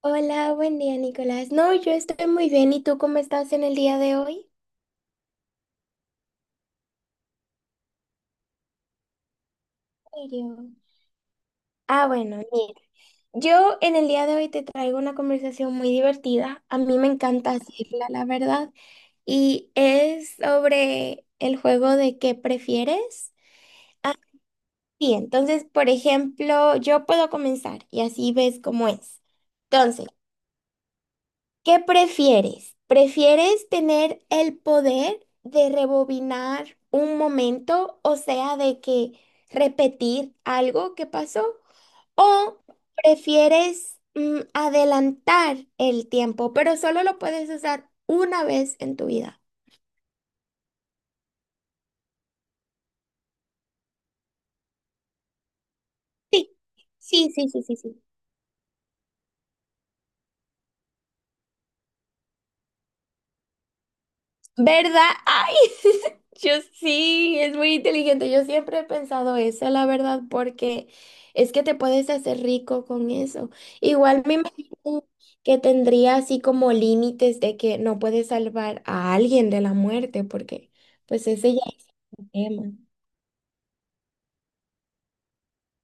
Hola, buen día, Nicolás. No, yo estoy muy bien. ¿Y tú cómo estás en el día de hoy? ¿En serio? Ah, bueno, mira, yo en el día de hoy te traigo una conversación muy divertida. A mí me encanta hacerla, la verdad. Y es sobre el juego de qué prefieres. Sí, entonces, por ejemplo, yo puedo comenzar y así ves cómo es. Entonces, ¿qué prefieres? ¿Prefieres tener el poder de rebobinar un momento, o sea, de que repetir algo que pasó? ¿O prefieres adelantar el tiempo, pero solo lo puedes usar una vez en tu vida? Sí, sí, sí, sí, sí, sí. ¿Verdad? Ay, yo sí, es muy inteligente. Yo siempre he pensado eso, la verdad, porque es que te puedes hacer rico con eso. Igual me imagino que tendría así como límites de que no puedes salvar a alguien de la muerte, porque pues ese ya es un tema.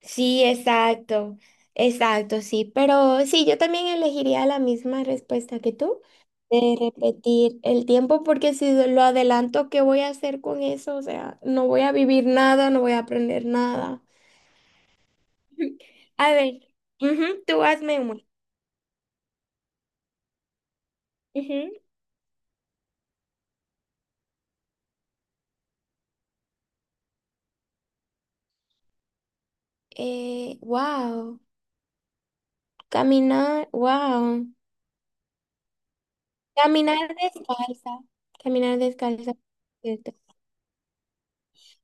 Sí, exacto, exacto, sí, pero sí, yo también elegiría la misma respuesta que tú, de repetir el tiempo, porque si lo adelanto, ¿qué voy a hacer con eso? O sea, no voy a vivir nada, no voy a aprender nada. A ver, ujú, tú hazme uno. Ujú. Eh, wow, wow, caminar descalza, caminar descalza, ¿cierto?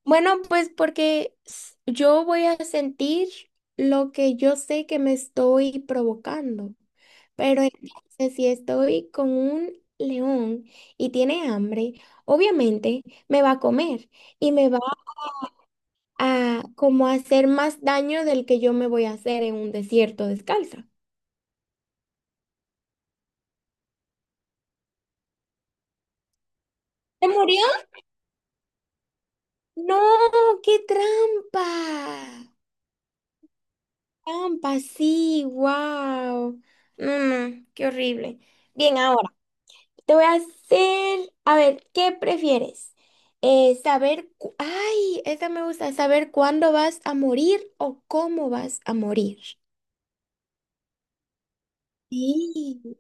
Bueno, pues porque yo voy a sentir lo que yo sé que me estoy provocando. Pero entonces, si estoy con un león y tiene hambre, obviamente me va a comer y me va a como hacer más daño del que yo me voy a hacer en un desierto descalza. ¿Se murió? No, qué trampa. Trampa, sí, wow. No, no, qué horrible. Bien, ahora. Te voy a hacer, a ver, ¿qué prefieres? Saber, ay, esa me gusta, saber cuándo vas a morir o cómo vas a morir. Sí.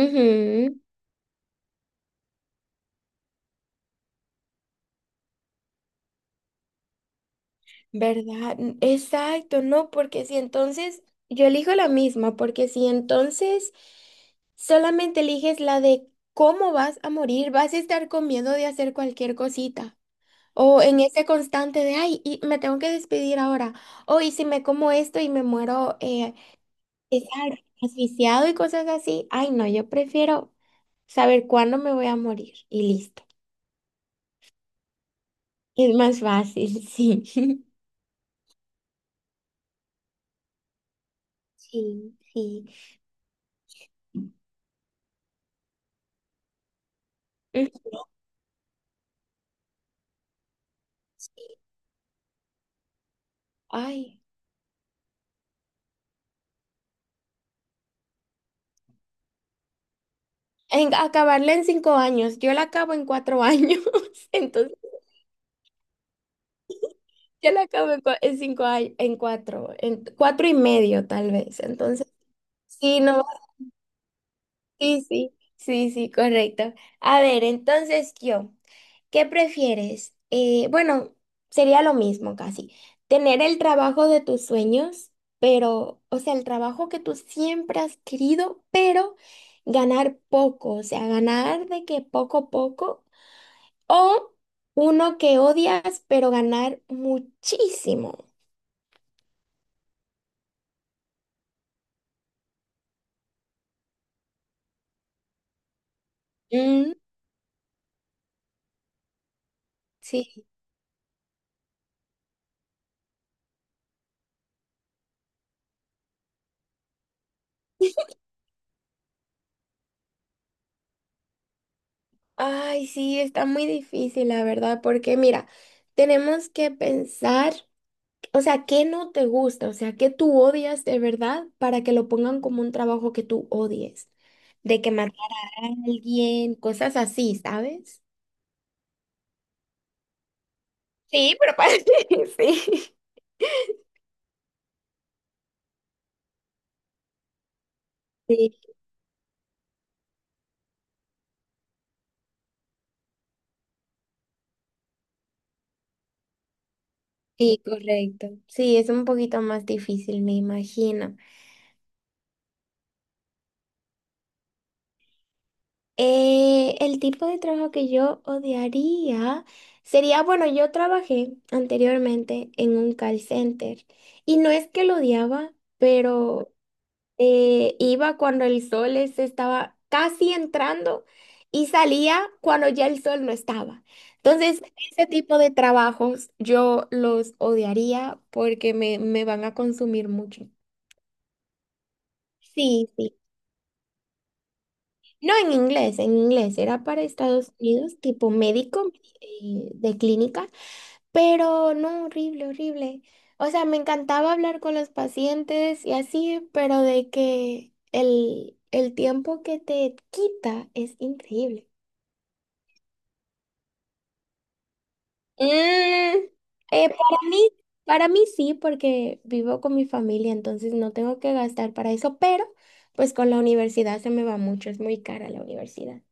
Ujú, ¿verdad? Exacto, no, porque si entonces, yo elijo la misma, porque si entonces solamente eliges la de cómo vas a morir, vas a estar con miedo de hacer cualquier cosita. O en ese constante de, ay, y me tengo que despedir ahora. O y si me como esto y me muero estar asfixiado y cosas así. Ay, no, yo prefiero saber cuándo me voy a morir y listo. Es más fácil, sí. Sí, sí. Mm, Ay, acabarla en cinco años. Yo la acabo en 4 años. Entonces, yo la acabo en cinco años, en 4, en 4 y medio tal vez. Entonces, sí, no. Sí, sí, sí, sí, correcto. A ver, entonces yo, ¿qué prefieres? Bueno, sería lo mismo casi. Tener el trabajo de tus sueños, pero, o sea, el trabajo que tú siempre has querido, pero ganar poco, o sea, ganar de que poco a poco, o uno que odias, pero ganar muchísimo. Mm, sí. Ay, sí, está muy difícil, la verdad, porque mira, tenemos que pensar. O sea, ¿qué no te gusta? O sea, ¿qué tú odias de verdad para que lo pongan como un trabajo que tú odies? De que matar a alguien, cosas así, ¿sabes? Sí, pero parece, sí. Sí, sí, correcto. Sí, es un poquito más difícil, me imagino. El tipo de trabajo que yo odiaría sería, bueno, yo trabajé anteriormente en un call center y no es que lo odiaba, pero iba cuando el sol estaba casi entrando y salía cuando ya el sol no estaba. Entonces, ese tipo de trabajos yo los odiaría porque me van a consumir mucho. Sí, sí. No en inglés, en inglés. Era para Estados Unidos, tipo médico de clínica. Pero no, horrible, horrible. O sea, me encantaba hablar con los pacientes y así, pero de que el tiempo que te quita es increíble. Mm, para mí, para mí sí, porque vivo con mi familia, entonces no tengo que gastar para eso, pero pues con la universidad se me va mucho, es muy cara la universidad.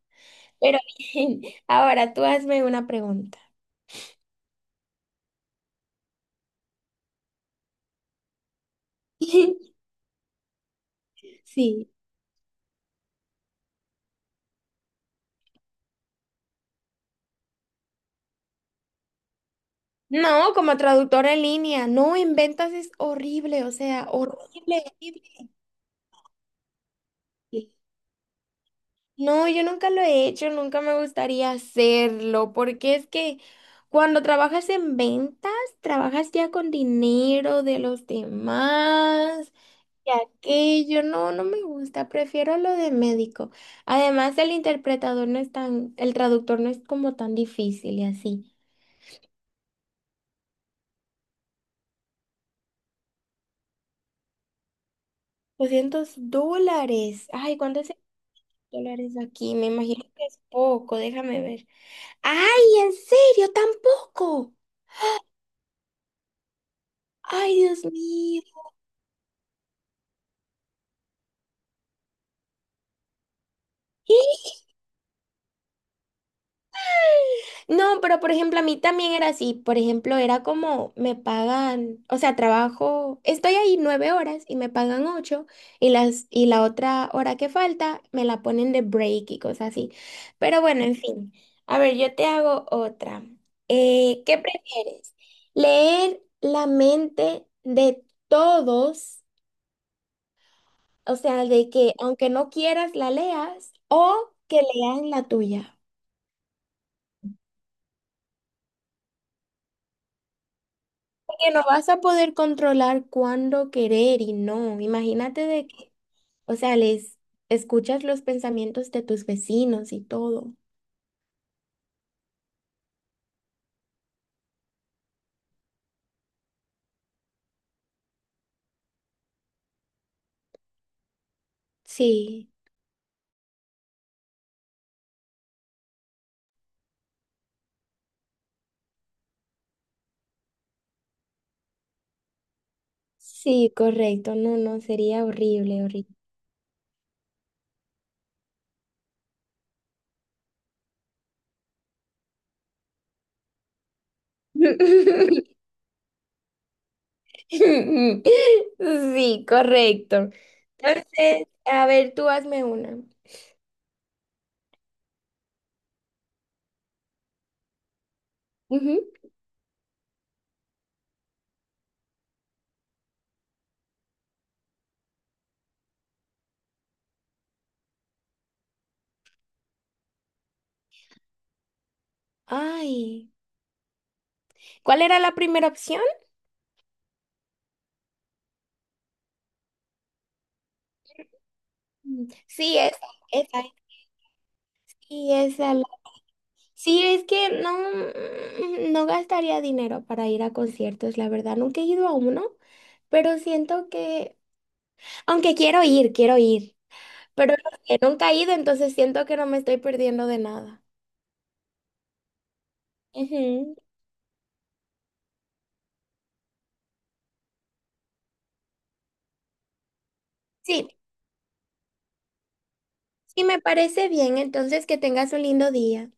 Pero bien, ahora tú hazme una pregunta. Sí. No, como traductora en línea. No, en ventas es horrible, o sea, horrible, horrible. No, yo nunca lo he hecho, nunca me gustaría hacerlo, porque es que cuando trabajas en ventas, trabajas ya con dinero de los demás y aquello. No, no me gusta, prefiero lo de médico. Además, el interpretador no es tan, el traductor no es como tan difícil y así. $200. Ay, ¿cuánto dólares aquí, me imagino que es poco, déjame ver. ¡Ay, en serio, tampoco! ¡Ay, Dios mío! No, pero por ejemplo, a mí también era así. Por ejemplo, era como me pagan, o sea, trabajo, estoy ahí 9 horas y me pagan ocho y la otra hora que falta me la ponen de break y cosas así. Pero bueno, en fin. A ver, yo te hago otra. ¿Qué prefieres? ¿Leer la mente de todos? O sea, de que aunque no quieras, la leas o que leas la tuya. Que no vas a poder controlar cuándo querer y no. Imagínate de que, o sea, les escuchas los pensamientos de tus vecinos y todo. Sí, sí, correcto. No, no, sería horrible, horrible. Sí, correcto. Entonces, a ver, tú hazme una. Ujú. Ay, ¿cuál era la primera opción? Mm, sí, esa, esa, Y esa la- sí, es que no, no gastaría dinero para ir a conciertos, la verdad. Nunca he ido a uno, pero siento que, aunque quiero ir, pero los que nunca he ido, entonces siento que no me estoy perdiendo de nada. Ujú. Sí, sí, me parece bien, entonces que tengas un lindo día.